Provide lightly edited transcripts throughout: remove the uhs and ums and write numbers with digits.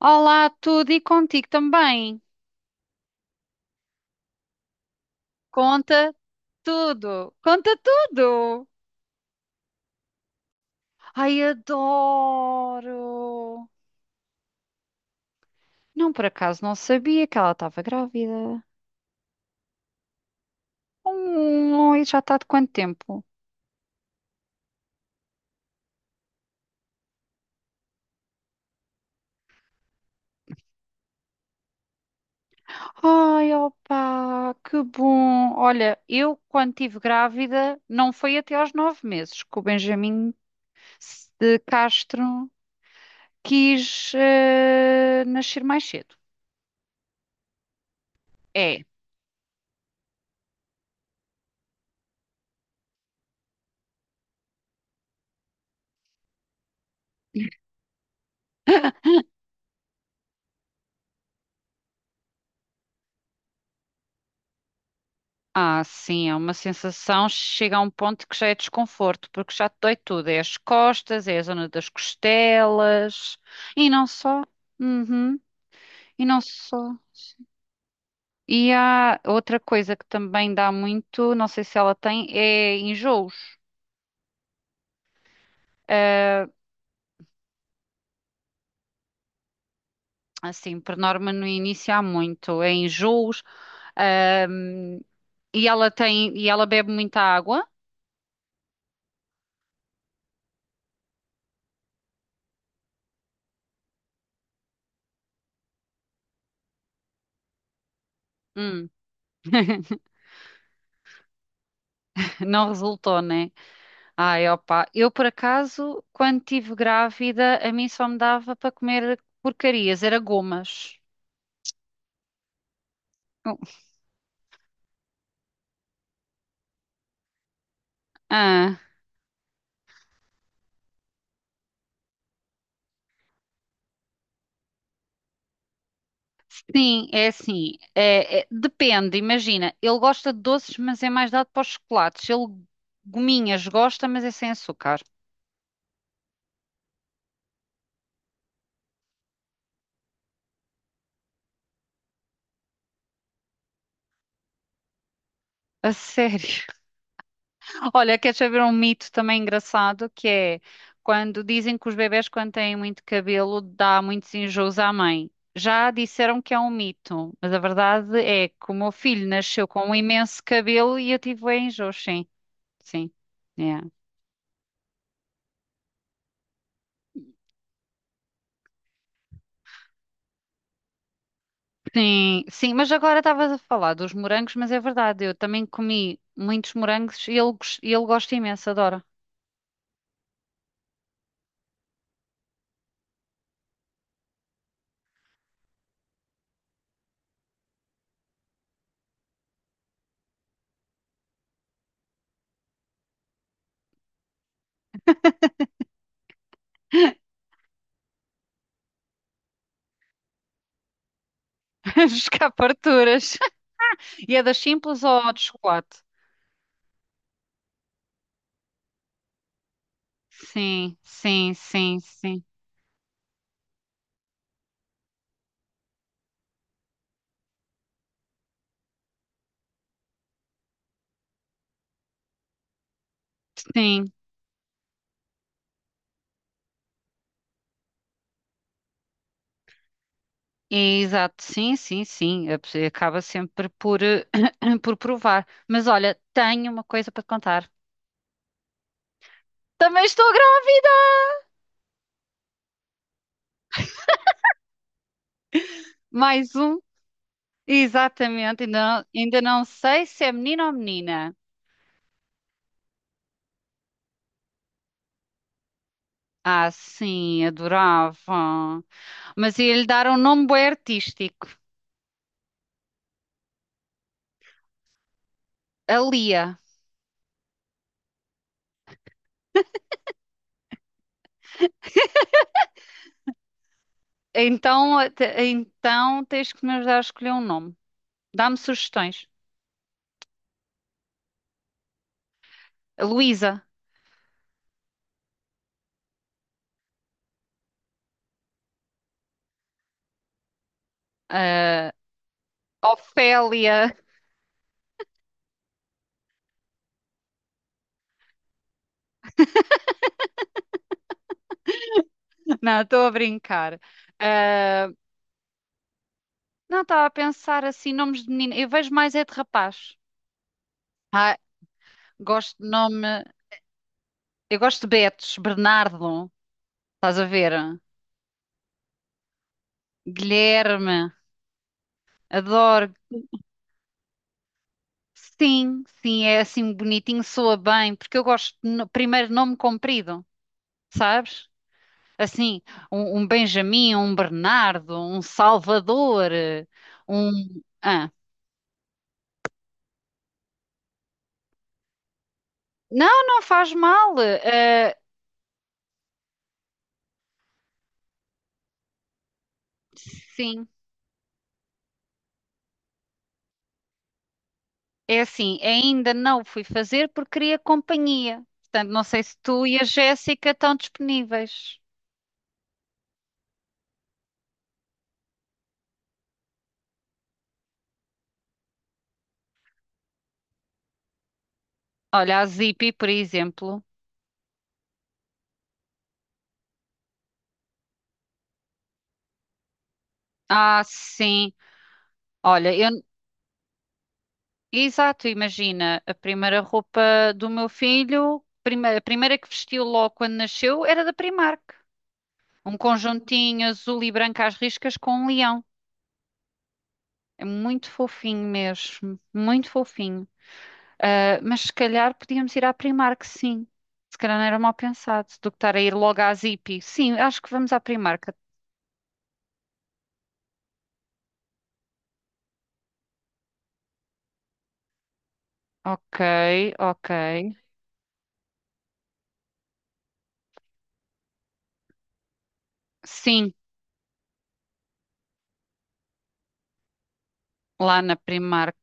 Olá, tudo e contigo também. Conta tudo. Conta tudo. Ai, adoro. Não, por acaso não sabia que ela estava grávida. E já está de quanto tempo? Ai, opa, que bom. Olha, eu quando estive grávida não foi até aos 9 meses que o Benjamin de Castro quis nascer mais cedo. É. Ah, sim, é uma sensação, chega a um ponto que já é desconforto, porque já te dói tudo, é as costas, é a zona das costelas, e não só. Uhum. E não só. E há outra coisa que também dá muito, não sei se ela tem, é enjoos. Ah, assim, por norma no início há muito, é enjoos, ah, e ela tem, e ela bebe muita água. Hum, não resultou, né? Ai, opa, eu por acaso, quando estive grávida, a mim só me dava para comer porcarias, era gomas. Ah, sim, é assim. É- é- depende, imagina. Ele gosta de doces, mas é mais dado para os chocolates. Ele, Gominhas, gosta, mas é sem açúcar. A sério. Olha, quer saber um mito também engraçado, que é quando dizem que os bebés quando têm muito cabelo dá muitos enjoos à mãe. Já disseram que é um mito, mas a verdade é que o meu filho nasceu com um imenso cabelo e eu tive bué enjoos, sim, sim. É. Sim, sim, mas agora estavas a falar dos morangos, mas é verdade, eu também comi muitos morangos e ele, e ele gosta imenso, adora. Buscar farturas. E é das simples ou de chocolate? Sim, sim, sim, sim. Sim. Exato, sim, sim, sim. A pessoa acaba sempre por, por provar. Mas olha, tenho uma coisa para te contar. Também estou grávida. Mais um. Exatamente. Ainda não sei se é menino ou menina. Ah, sim, adorava. Mas ia-lhe dar um nome bué artístico. A Lia. Então, então tens que me ajudar a escolher um nome. Dá-me sugestões. Luísa. ah, Ofélia. Não, estou a brincar. Ah, não, estava a pensar assim, nomes de menina. Eu vejo mais é de rapaz. Ah, gosto de nome. Eu gosto de Betos, Bernardo, estás a ver? Guilherme, adoro. Sim, sim, é assim bonitinho, soa bem, porque eu gosto de primeiro nome comprido, sabes? Assim, um Benjamin, um Bernardo, um Salvador, um. Ah. Não, não faz mal. Sim. É assim, ainda não fui fazer porque queria companhia. Portanto, não sei se tu e a Jéssica estão disponíveis. Olha, a Zippy, por exemplo. Ah, sim. Olha, eu... Exato, imagina, a primeira roupa do meu filho, a primeira que vestiu logo quando nasceu, era da Primark. Um conjuntinho azul e branco às riscas com um leão. É muito fofinho mesmo, muito fofinho. Ah, mas se calhar podíamos ir à Primark, sim. Se calhar não era mal pensado do que estar a ir logo à Zippy. Sim, acho que vamos à Primark. Ok, ok. Sim, lá na Primark.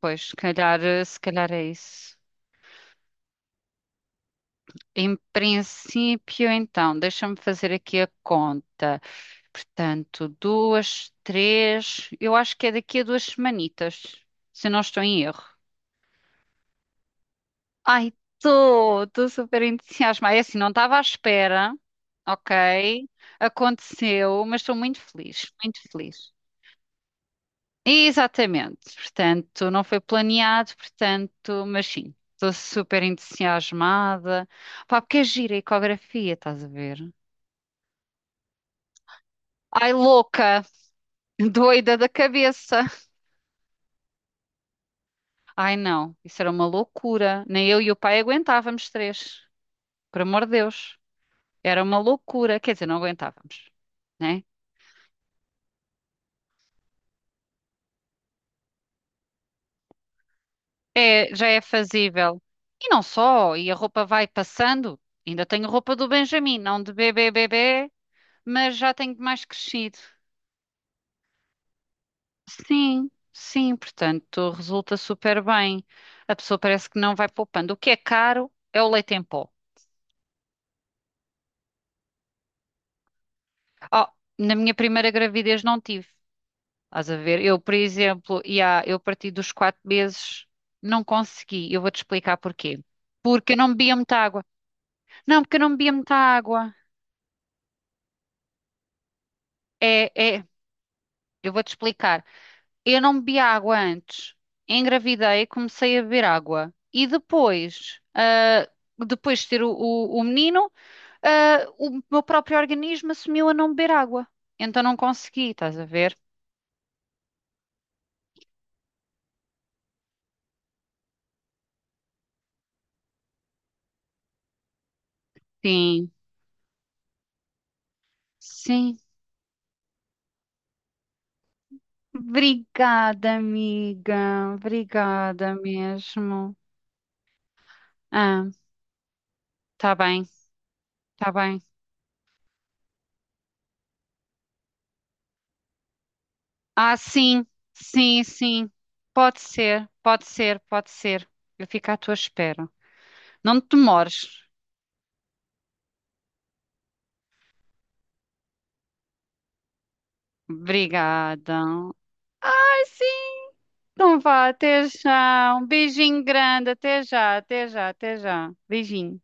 Pois, se calhar, se calhar é isso. Em princípio, então, deixa-me fazer aqui a conta. Portanto, duas, três. Eu acho que é daqui a 2 semanitas, se eu não estou em erro. Ai, estou, estou super entusiasmada. É assim, não estava à espera, ok? Aconteceu, mas estou muito feliz, muito feliz. Exatamente, portanto, não foi planeado, portanto, mas sim, estou super entusiasmada. Pá, porque é gira a ecografia, estás a ver? Ai, louca, doida da cabeça. Ai, não, isso era uma loucura. Nem eu e o pai aguentávamos três, por amor de Deus. Era uma loucura, quer dizer, não aguentávamos, né? É, já é fazível. E não só, e a roupa vai passando. Ainda tenho roupa do Benjamin, não de bebê bebê, mas já tenho mais crescido. Sim, sim, portanto, resulta super bem. A pessoa parece que não vai poupando. O que é caro é o leite em pó. Oh, na minha primeira gravidez não tive. Estás a ver? Eu, por exemplo, ia, eu parti dos 4 meses, não consegui. Eu vou-te explicar porquê. Porque eu não bebia muita água. Não, porque eu não bebia muita água. É, é, eu vou-te explicar. Eu não bebi água antes. Engravidei, comecei a beber água. E depois, depois de ter o, o menino, o meu próprio organismo assumiu a não beber água. Então não consegui, estás a ver? Sim, sim. Obrigada, amiga. Obrigada mesmo. Ah, tá bem, tá bem. Ah, sim, sim, sim. Pode ser, pode ser, pode ser. Eu fico à tua espera. Não te demores. Obrigada. Ai, sim, então vá, até já. Um beijinho grande, até já, até já, até já. Beijinho.